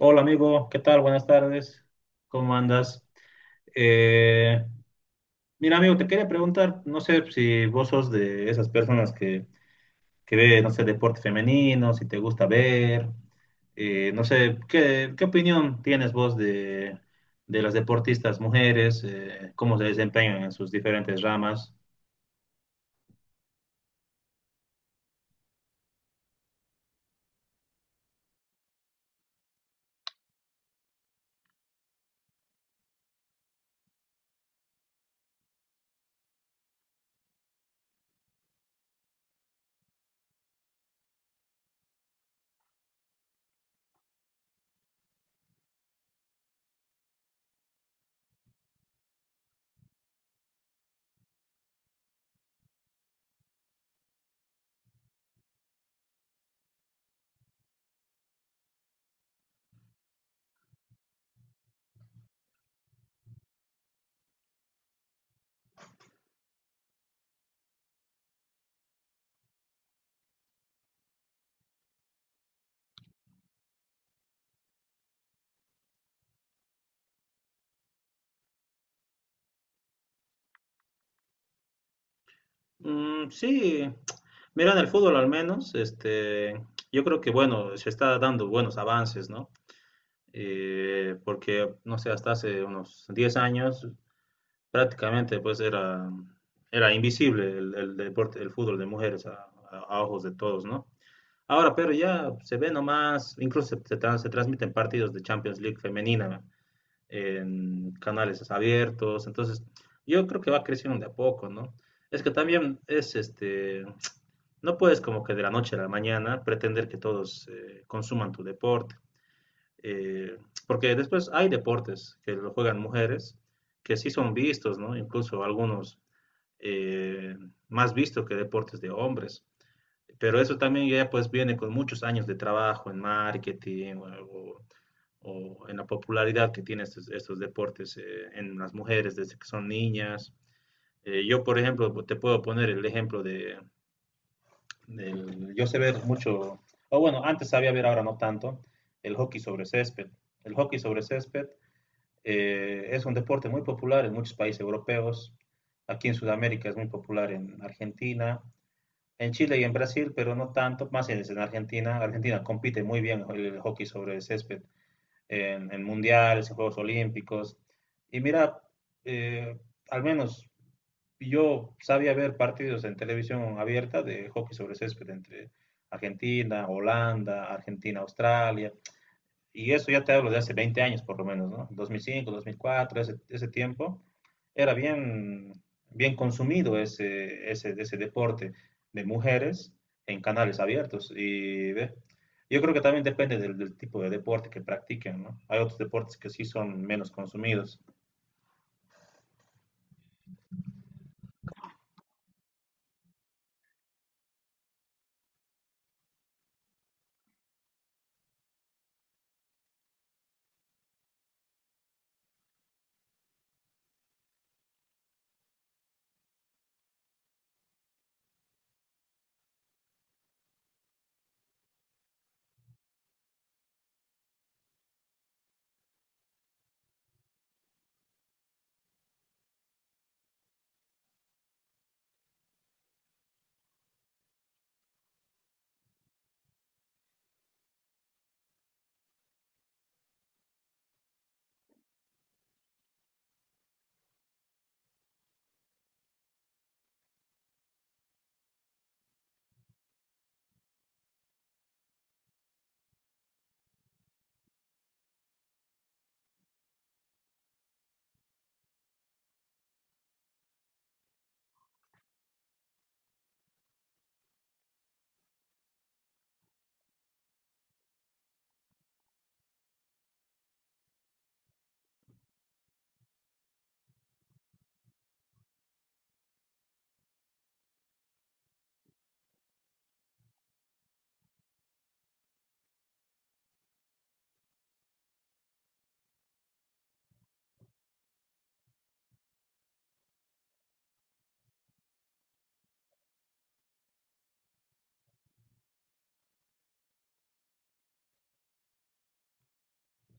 Hola amigo, ¿qué tal? Buenas tardes, ¿cómo andas? Eh, mira amigo, te quería preguntar, no sé si vos sos de esas personas que ve, no sé, deporte femenino, si te gusta ver, no sé, ¿qué, qué opinión tienes vos de las deportistas mujeres, cómo se desempeñan en sus diferentes ramas? Mm, sí, mira, en el fútbol al menos, este, yo creo que bueno, se está dando buenos avances, ¿no? Porque, no sé, hasta hace unos 10 años prácticamente era invisible el deporte, el fútbol de mujeres a ojos de todos, ¿no? Ahora, pero ya se ve nomás, incluso se transmiten partidos de Champions League femenina en canales abiertos, entonces yo creo que va creciendo de a poco, ¿no? Es que también es este, no puedes como que de la noche a la mañana pretender que todos consuman tu deporte, eh, porque después hay deportes que lo juegan mujeres que sí son vistos, ¿no? Incluso algunos, eh, más vistos que deportes de hombres. Pero eso también ya pues viene con muchos años de trabajo en marketing, o en la popularidad que tienen estos deportes, en las mujeres desde que son niñas. Yo, por ejemplo, te puedo poner el ejemplo yo sé ver mucho, o bueno, antes sabía ver, ahora no tanto, el hockey sobre césped. El hockey sobre césped, es un deporte muy popular en muchos países europeos. Aquí en Sudamérica es muy popular en Argentina, en Chile y en Brasil, pero no tanto, más en Argentina. Argentina compite muy bien el hockey sobre el césped en mundiales, en Juegos Olímpicos. Y mira, eh, al menos yo sabía ver partidos en televisión abierta de hockey sobre césped entre Argentina, Holanda, Argentina, Australia, y eso ya te hablo de hace 20 años por lo menos, ¿no? 2005, 2004, ese, ese tiempo, era bien, bien consumido ese deporte de mujeres en canales abiertos. Y ¿ve? Yo creo que también depende del tipo de deporte que practiquen, ¿no? Hay otros deportes que sí son menos consumidos.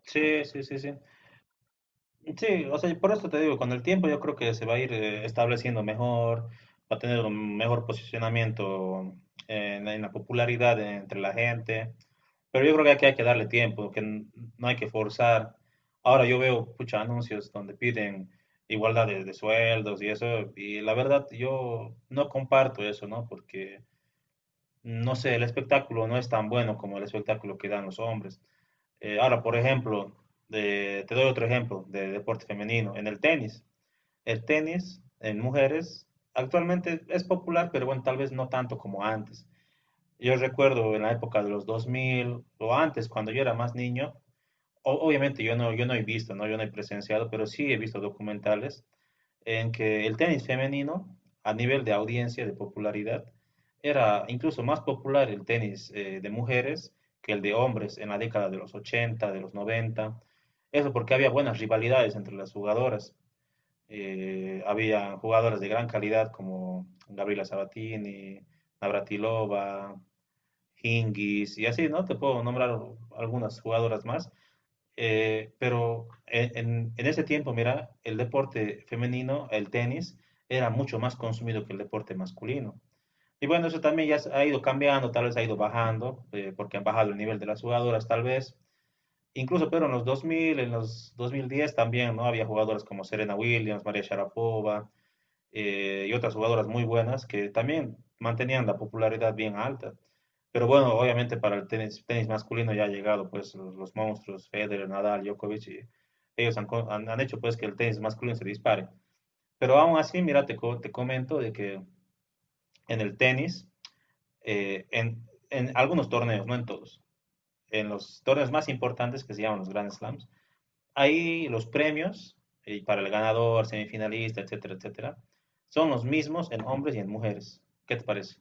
Sí, sí, sí, sí. Sí, o sea, por esto te digo, con el tiempo yo creo que se va a ir, estableciendo mejor, va a tener un mejor posicionamiento en la popularidad entre la gente. Pero yo creo que aquí hay que darle tiempo, no hay que forzar. Ahora yo veo muchos anuncios donde piden igualdad de sueldos y eso, y la verdad yo no comparto eso, ¿no? Porque, no sé, el espectáculo no es tan bueno como el espectáculo que dan los hombres. Ahora, por ejemplo, te doy otro ejemplo de deporte femenino, en el tenis. El tenis en mujeres actualmente es popular, pero bueno, tal vez no tanto como antes. Yo recuerdo en la época de los 2000 o antes, cuando yo era más niño, obviamente yo no he visto, ¿no? Yo no he presenciado, pero sí he visto documentales en que el tenis femenino, a nivel de audiencia, de popularidad, era incluso más popular el tenis, de mujeres que el de hombres en la década de los 80, de los 90. Eso porque había buenas rivalidades entre las jugadoras. Había jugadoras de gran calidad como Gabriela Sabatini, Navratilova, Hingis y así, ¿no? Te puedo nombrar algunas jugadoras más, pero en ese tiempo, mira, el deporte femenino, el tenis, era mucho más consumido que el deporte masculino. Y bueno, eso también ya se ha ido cambiando, tal vez ha ido bajando, porque han bajado el nivel de las jugadoras, tal vez. Incluso, pero en los 2000, en los 2010 también, ¿no? Había jugadoras como Serena Williams, María Sharapova, y otras jugadoras muy buenas que también mantenían la popularidad bien alta. Pero bueno, obviamente para el tenis, tenis masculino ya ha llegado pues los monstruos, Federer, Nadal, Djokovic, y ellos han, han hecho pues que el tenis masculino se dispare. Pero aún así, mira, te comento de que en el tenis, en algunos torneos, no en todos, en los torneos más importantes que se llaman los Grand Slams, ahí los premios, para el ganador, semifinalista, etcétera, etcétera, son los mismos en hombres y en mujeres. ¿Qué te parece?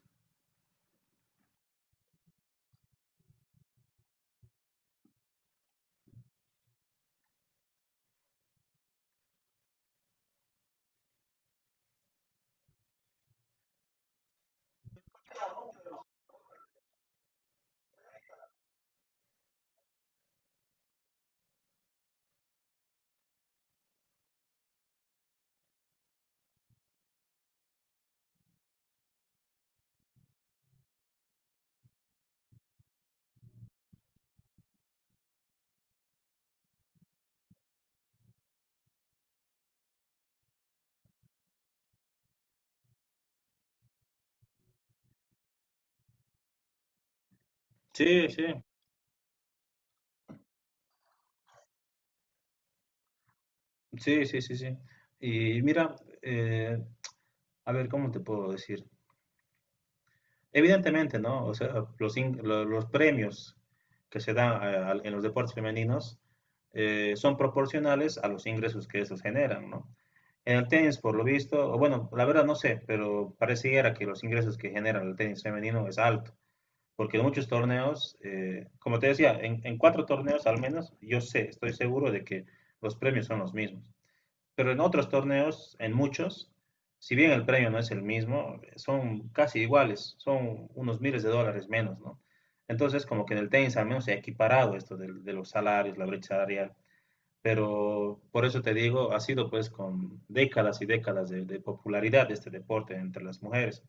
Sí, sí. Sí, sí, sí, sí. Y mira, eh, a ver, ¿cómo te puedo decir? Evidentemente, ¿no? O sea, los premios que se dan en los deportes femeninos, son proporcionales a los ingresos que estos generan, ¿no? En el tenis, por lo visto, o bueno, la verdad no sé, pero pareciera que los ingresos que genera el tenis femenino es alto. Porque en muchos torneos, como te decía, 4 torneos al menos, yo sé, estoy seguro de que los premios son los mismos. Pero en otros torneos, en muchos, si bien el premio no es el mismo, son casi iguales, son unos miles de dólares menos, ¿no? Entonces, como que en el tenis al menos se ha equiparado esto de los salarios, la brecha salarial. Pero por eso te digo, ha sido pues con décadas y décadas de popularidad de este deporte entre las mujeres.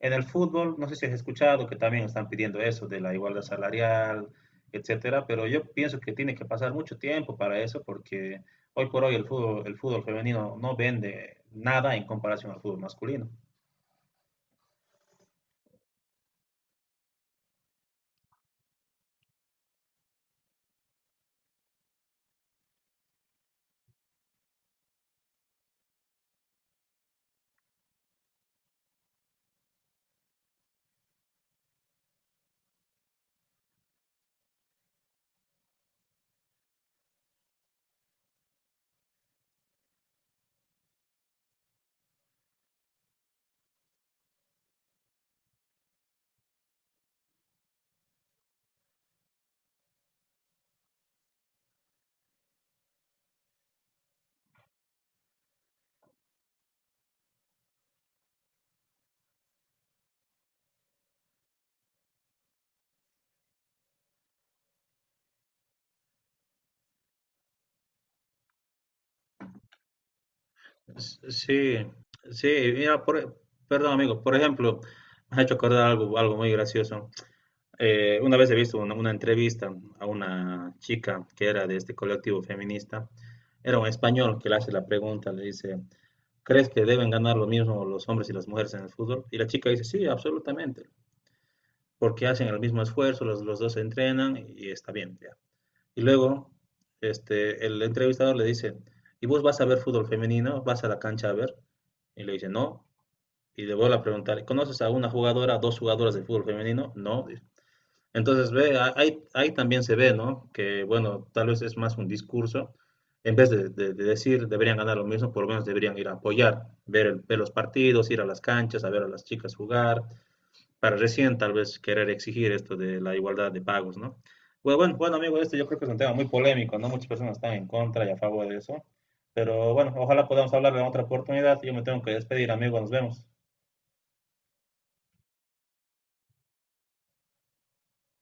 En el fútbol, no sé si has escuchado que también están pidiendo eso de la igualdad salarial, etcétera, pero yo pienso que tiene que pasar mucho tiempo para eso porque hoy por hoy el fútbol femenino no vende nada en comparación al fútbol masculino. Sí, sí, mira, perdón amigo, por ejemplo, me ha hecho acordar algo, algo muy gracioso. Una vez he visto una entrevista a una chica que era de este colectivo feminista. Era un español que le hace la pregunta, le dice, ¿crees que deben ganar lo mismo los hombres y las mujeres en el fútbol? Y la chica dice, sí, absolutamente, porque hacen el mismo esfuerzo, los dos se entrenan y está bien. Ya. Y luego este, el entrevistador le dice, ¿y vos vas a ver fútbol femenino? ¿Vas a la cancha a ver? Y le dice, no. Y le vuelve a preguntar, ¿conoces a una jugadora, dos jugadoras de fútbol femenino? No. Entonces, ve, ahí, ahí también se ve, ¿no? Que, bueno, tal vez es más un discurso. En vez de decir deberían ganar lo mismo, por lo menos deberían ir a apoyar, ver, ver los partidos, ir a las canchas, a ver a las chicas jugar, para recién tal vez querer exigir esto de la igualdad de pagos, ¿no? Bueno, bueno, bueno, amigo, esto yo creo que es un tema muy polémico, ¿no? Muchas personas están en contra y a favor de eso. Pero bueno, ojalá podamos hablar en otra oportunidad. Yo me tengo que despedir, amigo, nos vemos.